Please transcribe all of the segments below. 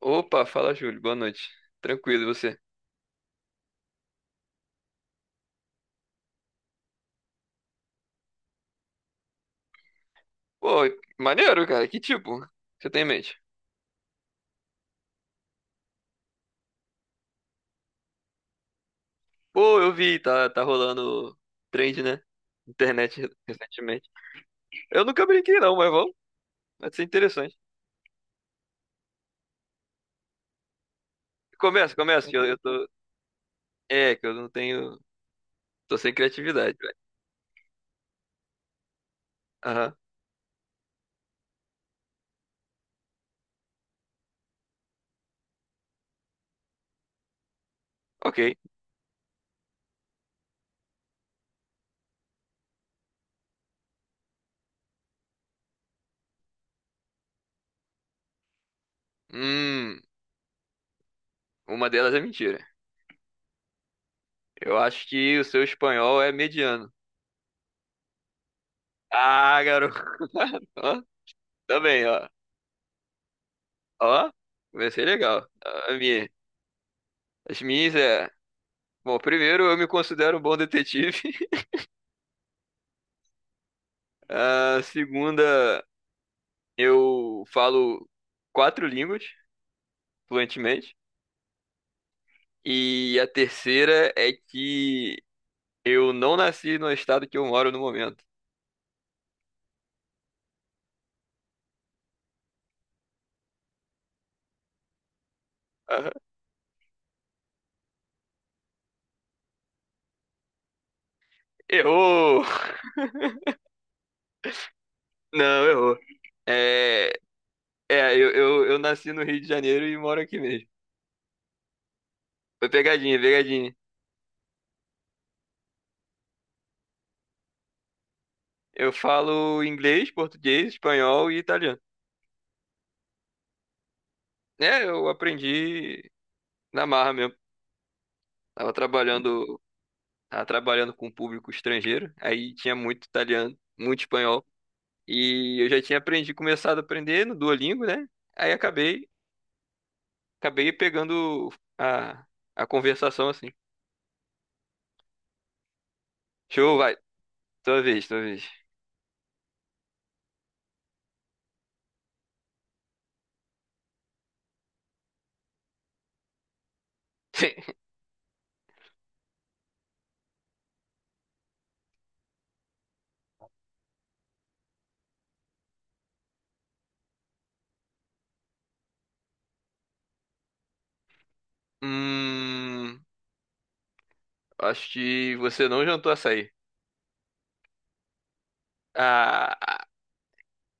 Opa, fala Júlio, boa noite. Tranquilo, e você? Pô, maneiro, cara, que tipo você tem em mente? Pô, eu vi, tá, tá rolando trend, né? Internet recentemente. Eu nunca brinquei não, mas vamos, vai ser interessante. Começa, começa, que eu tô... É, que eu não tenho... Tô sem criatividade, velho. Aham, ok. Hum, uma delas é mentira. Eu acho que o seu espanhol é mediano. Ah, garoto. Ó, tá bem, ó. Ó, vai ser legal. A minha, as minhas é. Bom, primeiro, eu me considero um bom detetive. A segunda, eu falo quatro línguas fluentemente. E a terceira é que eu não nasci no estado que eu moro no momento. Ah, errou! Não, errou. É, é eu nasci no Rio de Janeiro e moro aqui mesmo. Foi pegadinha, pegadinha. Eu falo inglês, português, espanhol e italiano. É, eu aprendi na marra mesmo. Tava trabalhando tava trabalhando com um público estrangeiro, aí tinha muito italiano, muito espanhol, e eu já tinha aprendido, começado a aprender no Duolingo, né? Aí acabei pegando a, a conversação assim. Show, vai, tua vez, tua vez. Hum, Acho que você não jantou açaí. Ah,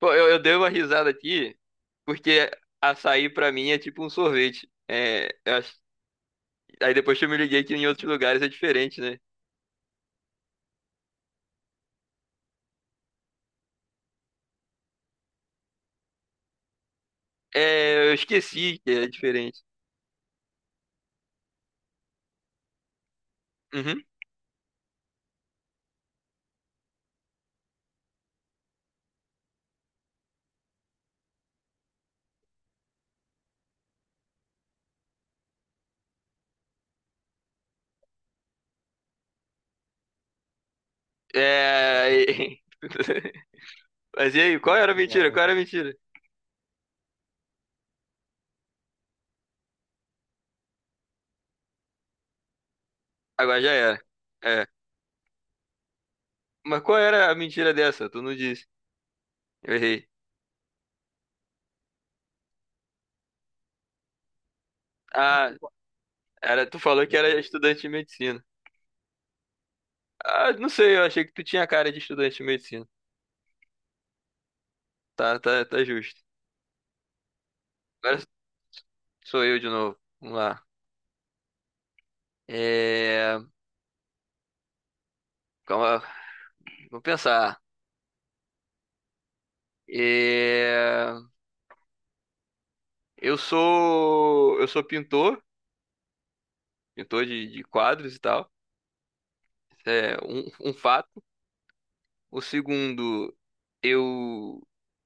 pô, eu dei uma risada aqui, porque açaí pra mim é tipo um sorvete. É, eu acho- aí depois que eu me liguei que em outros lugares é diferente, né? É, eu esqueci que é diferente. Uhum. É. Mas e aí, qual era a mentira? Qual era a mentira? Agora já era. É. Mas qual era a mentira dessa? Tu não disse. Eu errei. Ah, era, tu falou que era estudante de medicina. Ah, não sei, eu achei que tu tinha cara de estudante de medicina. Tá, tá, tá justo. Agora sou eu de novo. Vamos lá. É. Calma, vamos pensar. É, eu sou. Eu sou pintor, pintor de quadros e tal. Isso é um fato. O segundo, eu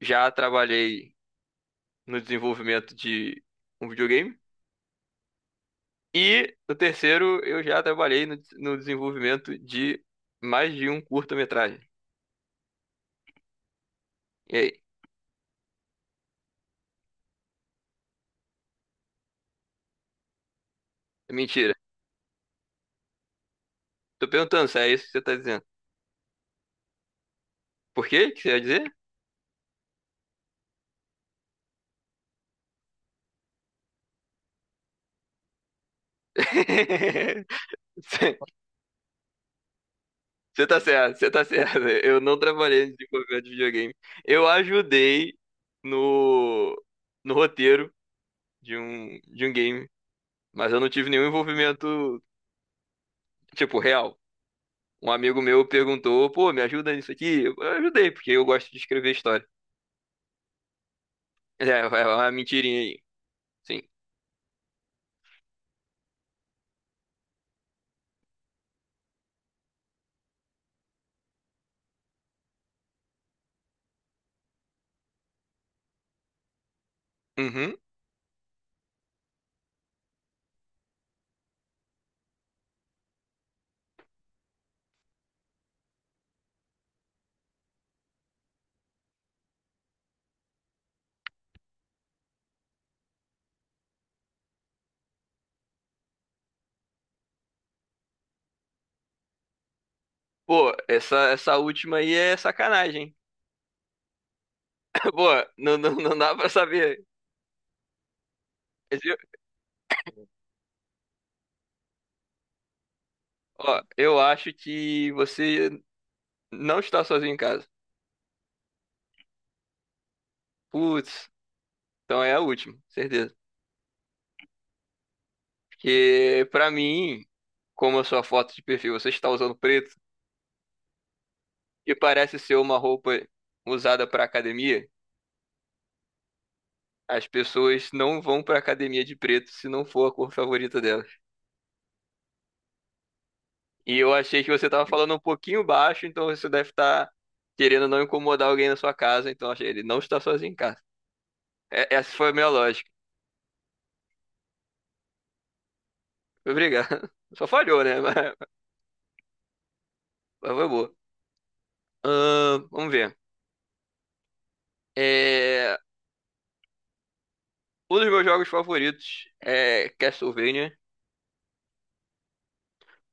já trabalhei no desenvolvimento de um videogame. E no terceiro, eu já trabalhei no desenvolvimento de mais de um curta-metragem. E aí? É mentira. Tô perguntando se é isso que você tá dizendo. Por quê? O que você ia dizer? Você você tá certo, você tá certo. Eu não trabalhei no desenvolvimento de videogame. Eu ajudei no, no roteiro de um game, mas eu não tive nenhum envolvimento, tipo, real. Um amigo meu perguntou, pô, me ajuda nisso aqui? Eu ajudei, porque eu gosto de escrever história. É, é uma mentirinha aí. Sim. Uhum. Pô, essa última aí é sacanagem, hein? Pô, não, não, não dá pra saber. Mas eu- Ó, eu acho que você não está sozinho em casa. Putz, então é a última, certeza. Porque pra mim, como a sua foto de perfil, você está usando preto, que parece ser uma roupa usada pra academia. As pessoas não vão pra academia de preto se não for a cor favorita delas. E eu achei que você tava falando um pouquinho baixo, então você deve estar querendo não incomodar alguém na sua casa, então achei ele não está sozinho em casa. É- essa foi a minha lógica. Obrigado. Só falhou, né? Mas foi boa. Vamos ver. É, um dos meus jogos favoritos é Castlevania.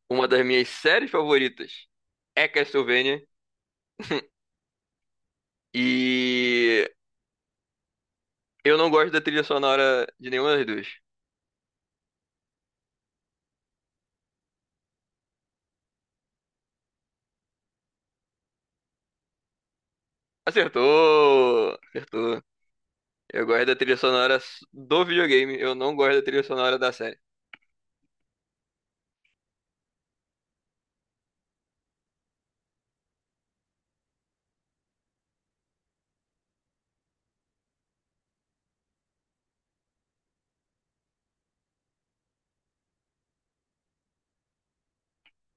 Uma das minhas séries favoritas é Castlevania. E eu não gosto da trilha sonora de nenhuma das duas. Acertou! Acertou. Eu gosto da trilha sonora do videogame, eu não gosto da trilha sonora da série.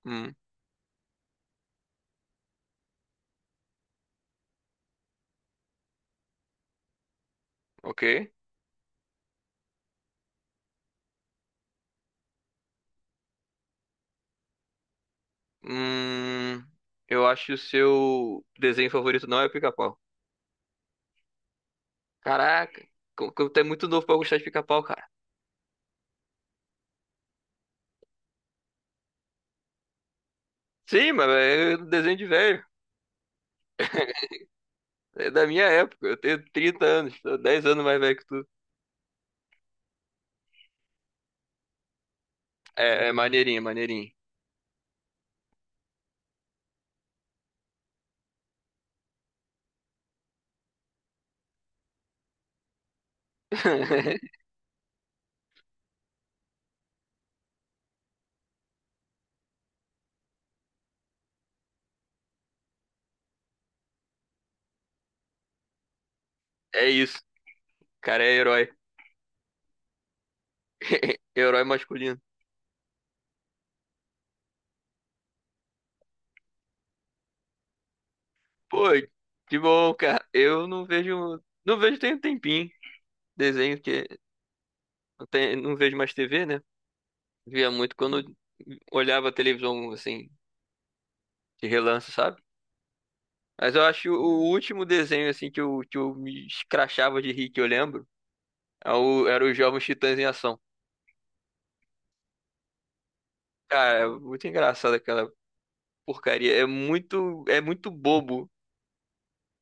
Hum, ok. Hum, eu acho que o seu desenho favorito não é Pica-Pau. Caraca, como tu é muito novo pra gostar de Pica-Pau, cara. Sim, mas é um desenho de velho. É da minha época, eu tenho 30 anos, tô 10 anos mais velho que tu. É, é maneirinho, é maneirinho. É isso, cara é herói. Herói masculino. Pô, de boa, cara. Eu não vejo. Não vejo tem um tempinho. Desenho que. Não, tem- não vejo mais TV, né? Via muito quando olhava a televisão, assim, de relance, sabe? Mas eu acho o último desenho, assim, que eu me escrachava de rir, que eu lembro, é o- era os Jovens Titãs em Ação. Cara, é muito engraçado aquela porcaria. É muito. É muito bobo,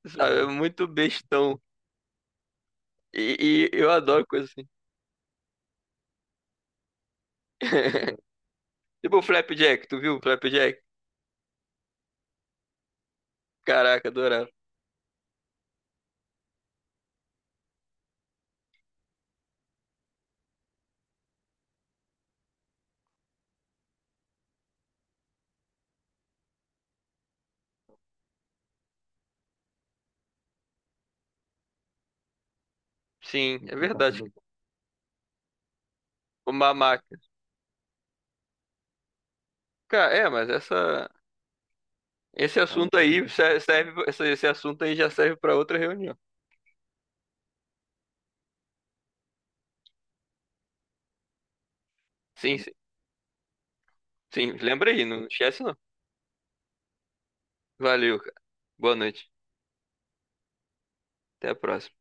sabe? É muito bestão. E eu adoro coisa assim. Tipo o Flapjack, tu viu o Flapjack? Caraca, adorava. Sim, é tá verdade. Uma máquina. Cara, é, mas esse assunto aí serve, esse assunto aí já serve para outra reunião. Sim, sim, sim. Lembra aí, não esquece não. Valeu, cara. Boa noite. Até a próxima.